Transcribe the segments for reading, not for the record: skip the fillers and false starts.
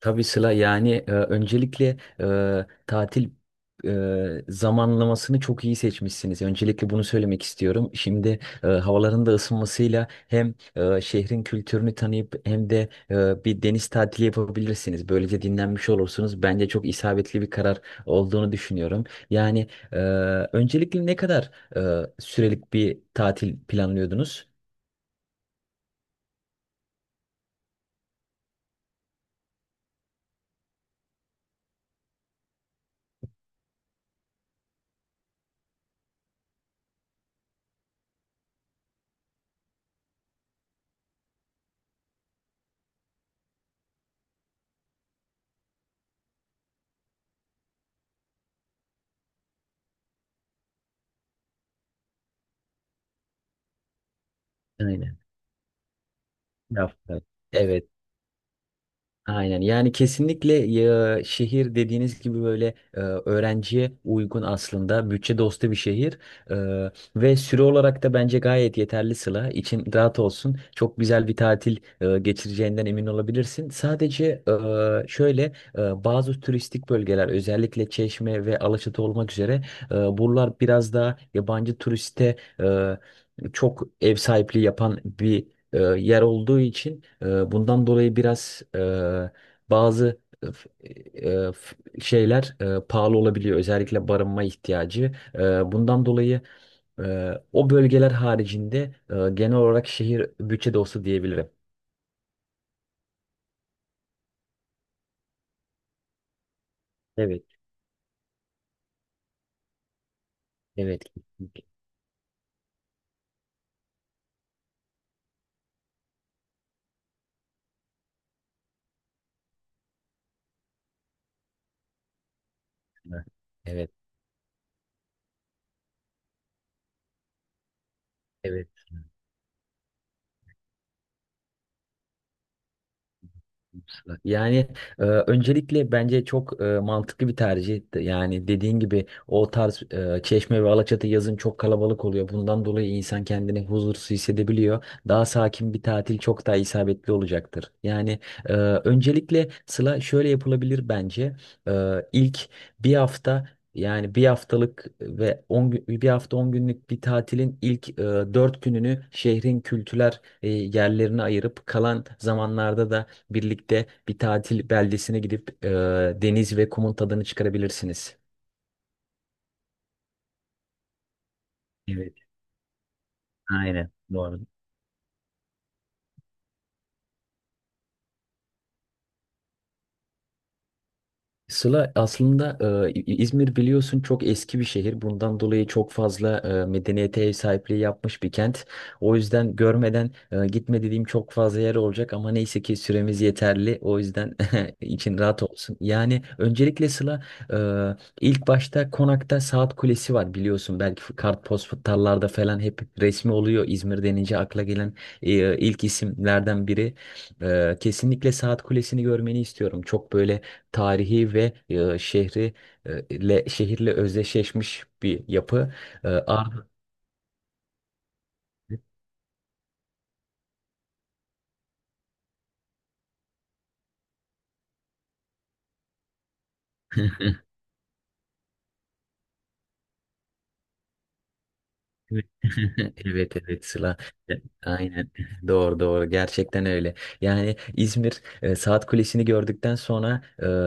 Tabii Sıla, yani öncelikle tatil zamanlamasını çok iyi seçmişsiniz. Öncelikle bunu söylemek istiyorum. Şimdi havaların da ısınmasıyla hem şehrin kültürünü tanıyıp hem de bir deniz tatili yapabilirsiniz. Böylece dinlenmiş olursunuz. Bence çok isabetli bir karar olduğunu düşünüyorum. Yani e, öncelikle ne kadar sürelik bir tatil planlıyordunuz? Aynen. Bir hafta. Evet. Aynen, yani kesinlikle ya, şehir dediğiniz gibi böyle öğrenciye uygun, aslında bütçe dostu bir şehir. Ve süre olarak da bence gayet yeterli. Sıla, için rahat olsun, çok güzel bir tatil geçireceğinden emin olabilirsin. Sadece e, şöyle bazı turistik bölgeler, özellikle Çeşme ve Alaçatı olmak üzere, buralar biraz daha yabancı turiste e, çok ev sahipliği yapan bir yer olduğu için, bundan dolayı biraz e, bazı e, f- e, f- şeyler pahalı olabiliyor. Özellikle barınma ihtiyacı. Bundan dolayı o bölgeler haricinde genel olarak şehir bütçede olsa diyebilirim. Evet, evet, kesinlikle. Evet, evet. Yani öncelikle bence çok mantıklı bir tercih. Yani dediğin gibi o tarz, Çeşme ve Alaçatı yazın çok kalabalık oluyor. Bundan dolayı insan kendini huzursuz hissedebiliyor. Daha sakin bir tatil çok daha isabetli olacaktır. Yani öncelikle Sıla şöyle yapılabilir bence. İlk bir hafta, yani bir haftalık ve 10 gün, bir hafta 10 günlük bir tatilin ilk 4 gününü şehrin kültürel yerlerine ayırıp, kalan zamanlarda da birlikte bir tatil beldesine gidip deniz ve kumun tadını çıkarabilirsiniz. Evet. Aynen. Doğru. Sıla, aslında e, İzmir, biliyorsun, çok eski bir şehir. Bundan dolayı çok fazla medeniyete ev sahipliği yapmış bir kent. O yüzden görmeden gitme dediğim çok fazla yer olacak, ama neyse ki süremiz yeterli. O yüzden için rahat olsun. Yani öncelikle Sıla, e, ilk başta Konak'ta Saat Kulesi var, biliyorsun. Belki kartpostallarda falan hep resmi oluyor. İzmir denince akla gelen ilk isimlerden biri. Kesinlikle Saat Kulesi'ni görmeni istiyorum. Çok böyle tarihi ve e, şehri e, ile şehirle özdeşleşmiş bir yapı. E, Ar- Evet evet, evet, Sıla. E, Aynen doğru, doğru, gerçekten öyle. Yani İzmir, Saat Kulesi'ni gördükten sonra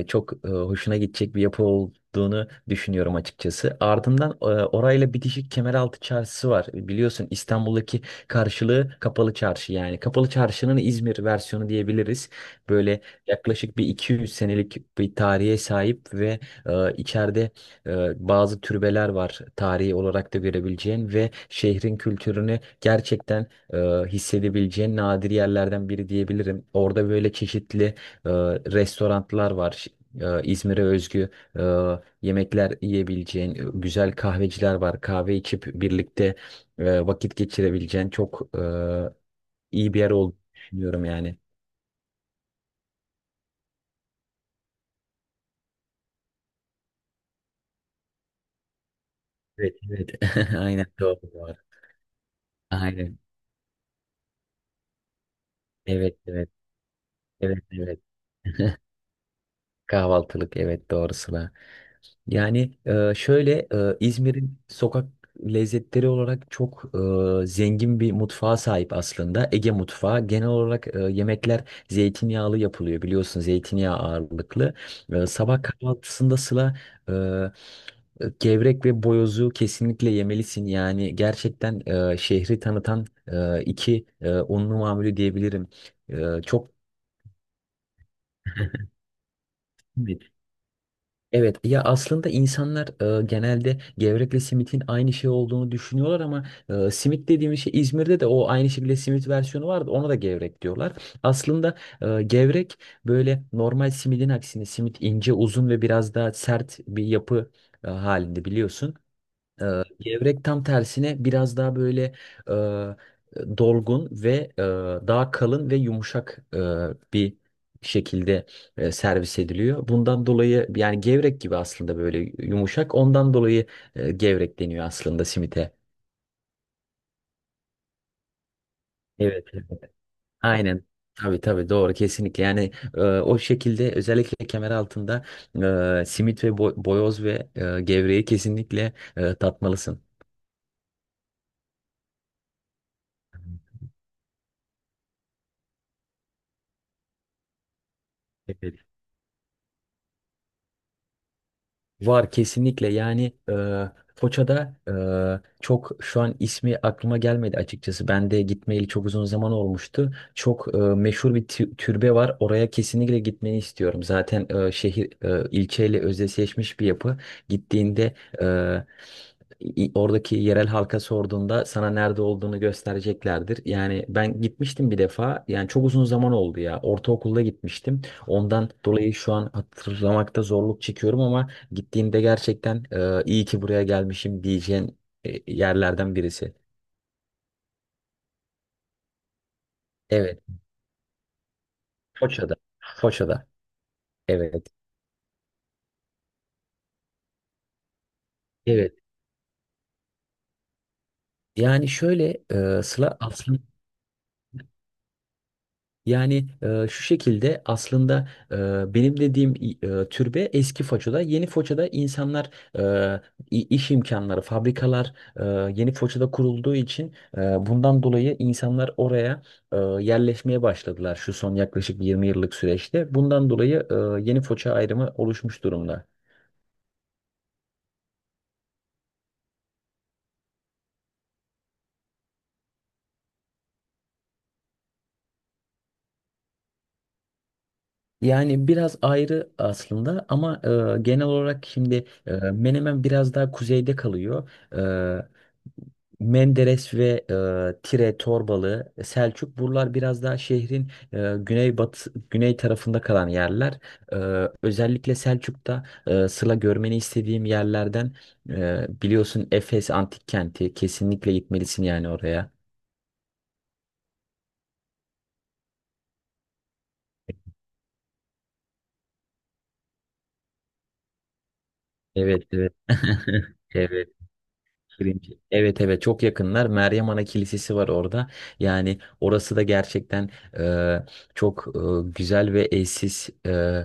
çok hoşuna gidecek bir yapı olduğunu düşünüyorum açıkçası. Ardından orayla bitişik Kemeraltı Çarşısı var. Biliyorsun, İstanbul'daki karşılığı Kapalı Çarşı, yani. Kapalı Çarşı'nın İzmir versiyonu diyebiliriz. Böyle yaklaşık bir 200 senelik bir tarihe sahip ve içeride bazı türbeler var, tarihi olarak da görebileceğin ve şehrin kültürünü gerçekten e, hissedebileceğin nadir yerlerden biri diyebilirim. Orada böyle çeşitli restoranlar var. İzmir'e özgü e, yemekler yiyebileceğin, güzel kahveciler var. Kahve içip birlikte vakit geçirebileceğin çok iyi bir yer olduğunu düşünüyorum, yani. Evet, evet. Aynen, doğru, doğru. Aynen. Evet, evet. Evet, evet. Kahvaltılık, evet, doğrusuna. Yani İzmir'in sokak lezzetleri olarak çok zengin bir mutfağa sahip aslında. Ege mutfağı. Genel olarak yemekler zeytinyağlı yapılıyor, biliyorsun, zeytinyağı ağırlıklı. Sabah kahvaltısında Sıla, gevrek ve boyozu kesinlikle yemelisin. Yani gerçekten şehri tanıtan iki unlu mamulü diyebilirim. E, çok Evet, ya, aslında insanlar genelde gevrekle simitin aynı şey olduğunu düşünüyorlar, ama simit dediğimiz şey, İzmir'de de o aynı şekilde simit versiyonu vardı, ona da gevrek diyorlar. Aslında gevrek, böyle normal simidin aksine, simit ince uzun ve biraz daha sert bir yapı halinde, biliyorsun. Gevrek tam tersine biraz daha böyle e, dolgun ve e, daha kalın ve yumuşak bir şekilde servis ediliyor. Bundan dolayı yani gevrek gibi, aslında böyle yumuşak. Ondan dolayı gevrek deniyor aslında simite. Evet, evet. Aynen. Tabii, tabii, doğru, kesinlikle, yani o şekilde, özellikle kemer altında simit ve boyoz ve gevreği kesinlikle tatmalısın. Evet. Var, kesinlikle, yani Foça'da çok, şu an ismi aklıma gelmedi açıkçası. Ben de gitmeyeli çok uzun zaman olmuştu. Çok meşhur bir türbe var. Oraya kesinlikle gitmeni istiyorum. Zaten şehir, ilçeyle özdeşleşmiş bir yapı. Gittiğinde oradaki yerel halka sorduğunda sana nerede olduğunu göstereceklerdir. Yani ben gitmiştim bir defa. Yani çok uzun zaman oldu ya. Ortaokulda gitmiştim. Ondan dolayı şu an hatırlamakta zorluk çekiyorum, ama gittiğimde gerçekten iyi ki buraya gelmişim diyeceğin yerlerden birisi. Evet. Foça'da. Foça'da. Evet. Evet. Yani şöyle e, Sıla aslında Yani şu şekilde aslında, benim dediğim türbe eski Foça'da. Yeni Foça'da insanlar, e, iş imkanları, fabrikalar yeni Foça'da kurulduğu için, bundan dolayı insanlar oraya yerleşmeye başladılar şu son yaklaşık 20 yıllık süreçte. Bundan dolayı yeni Foça ayrımı oluşmuş durumda. Yani biraz ayrı aslında, ama genel olarak şimdi Menemen biraz daha kuzeyde kalıyor. E, Menderes ve Tire, Torbalı, Selçuk buralar biraz daha şehrin güneybatı, güney tarafında kalan yerler. E, Özellikle Selçuk'ta, Sıla, görmeni istediğim yerlerden, biliyorsun, Efes Antik Kenti, kesinlikle gitmelisin yani oraya. Evet, evet. Evet. Cringe. Evet, evet, çok yakınlar. Meryem Ana Kilisesi var orada. Yani orası da gerçekten e, çok güzel ve eşsiz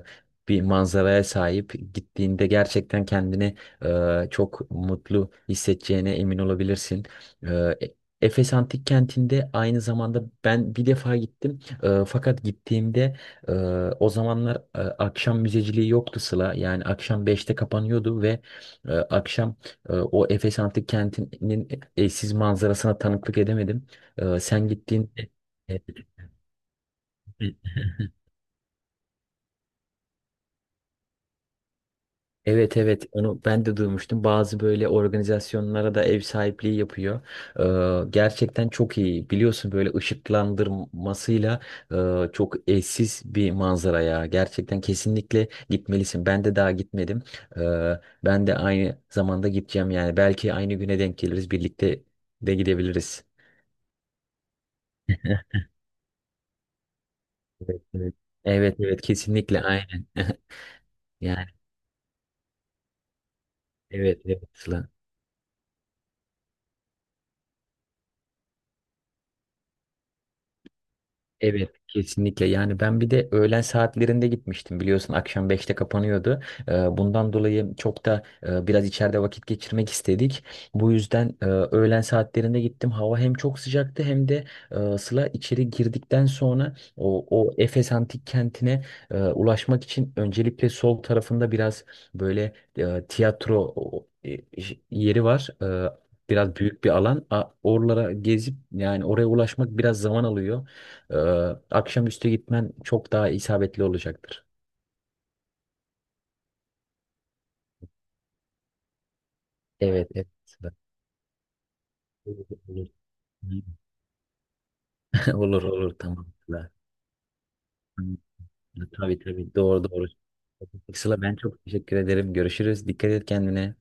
bir manzaraya sahip. Gittiğinde gerçekten kendini çok mutlu hissedeceğine emin olabilirsin. E, E- Efes Antik Kenti'nde aynı zamanda ben bir defa gittim. Fakat gittiğimde e, o zamanlar akşam müzeciliği yoktu, Sıla. Yani akşam 5'te kapanıyordu ve e, akşam o Efes Antik Kenti'nin eşsiz manzarasına tanıklık edemedim. Sen gittiğinde e, e, Evet, evet, onu ben de duymuştum. Bazı böyle organizasyonlara da ev sahipliği yapıyor. Gerçekten çok iyi. Biliyorsun, böyle ışıklandırmasıyla çok eşsiz bir manzara ya. Gerçekten kesinlikle gitmelisin. Ben de daha gitmedim. Ben de aynı zamanda gideceğim yani. Belki aynı güne denk geliriz. Birlikte de gidebiliriz. Evet, evet. Evet, evet, kesinlikle, aynen. Yani evet, evet, Sıla. Evet, kesinlikle, yani ben bir de öğlen saatlerinde gitmiştim, biliyorsun, akşam 5'te kapanıyordu. Bundan dolayı çok da biraz içeride vakit geçirmek istedik, bu yüzden öğlen saatlerinde gittim, hava hem çok sıcaktı, hem de Sıla, içeri girdikten sonra o Efes Antik Kenti'ne ulaşmak için, öncelikle sol tarafında biraz böyle tiyatro yeri var. Biraz büyük bir alan. Oralara gezip, yani oraya ulaşmak biraz zaman alıyor. Ee, Akşamüstü gitmen çok daha isabetli olacaktır. Evet, evet. Olur, olur. Olur, olur, tamam, Sıla. Hmm. Tabii, tabii, doğru, doğru. Sıla, ben çok teşekkür ederim. Görüşürüz. Dikkat et kendine.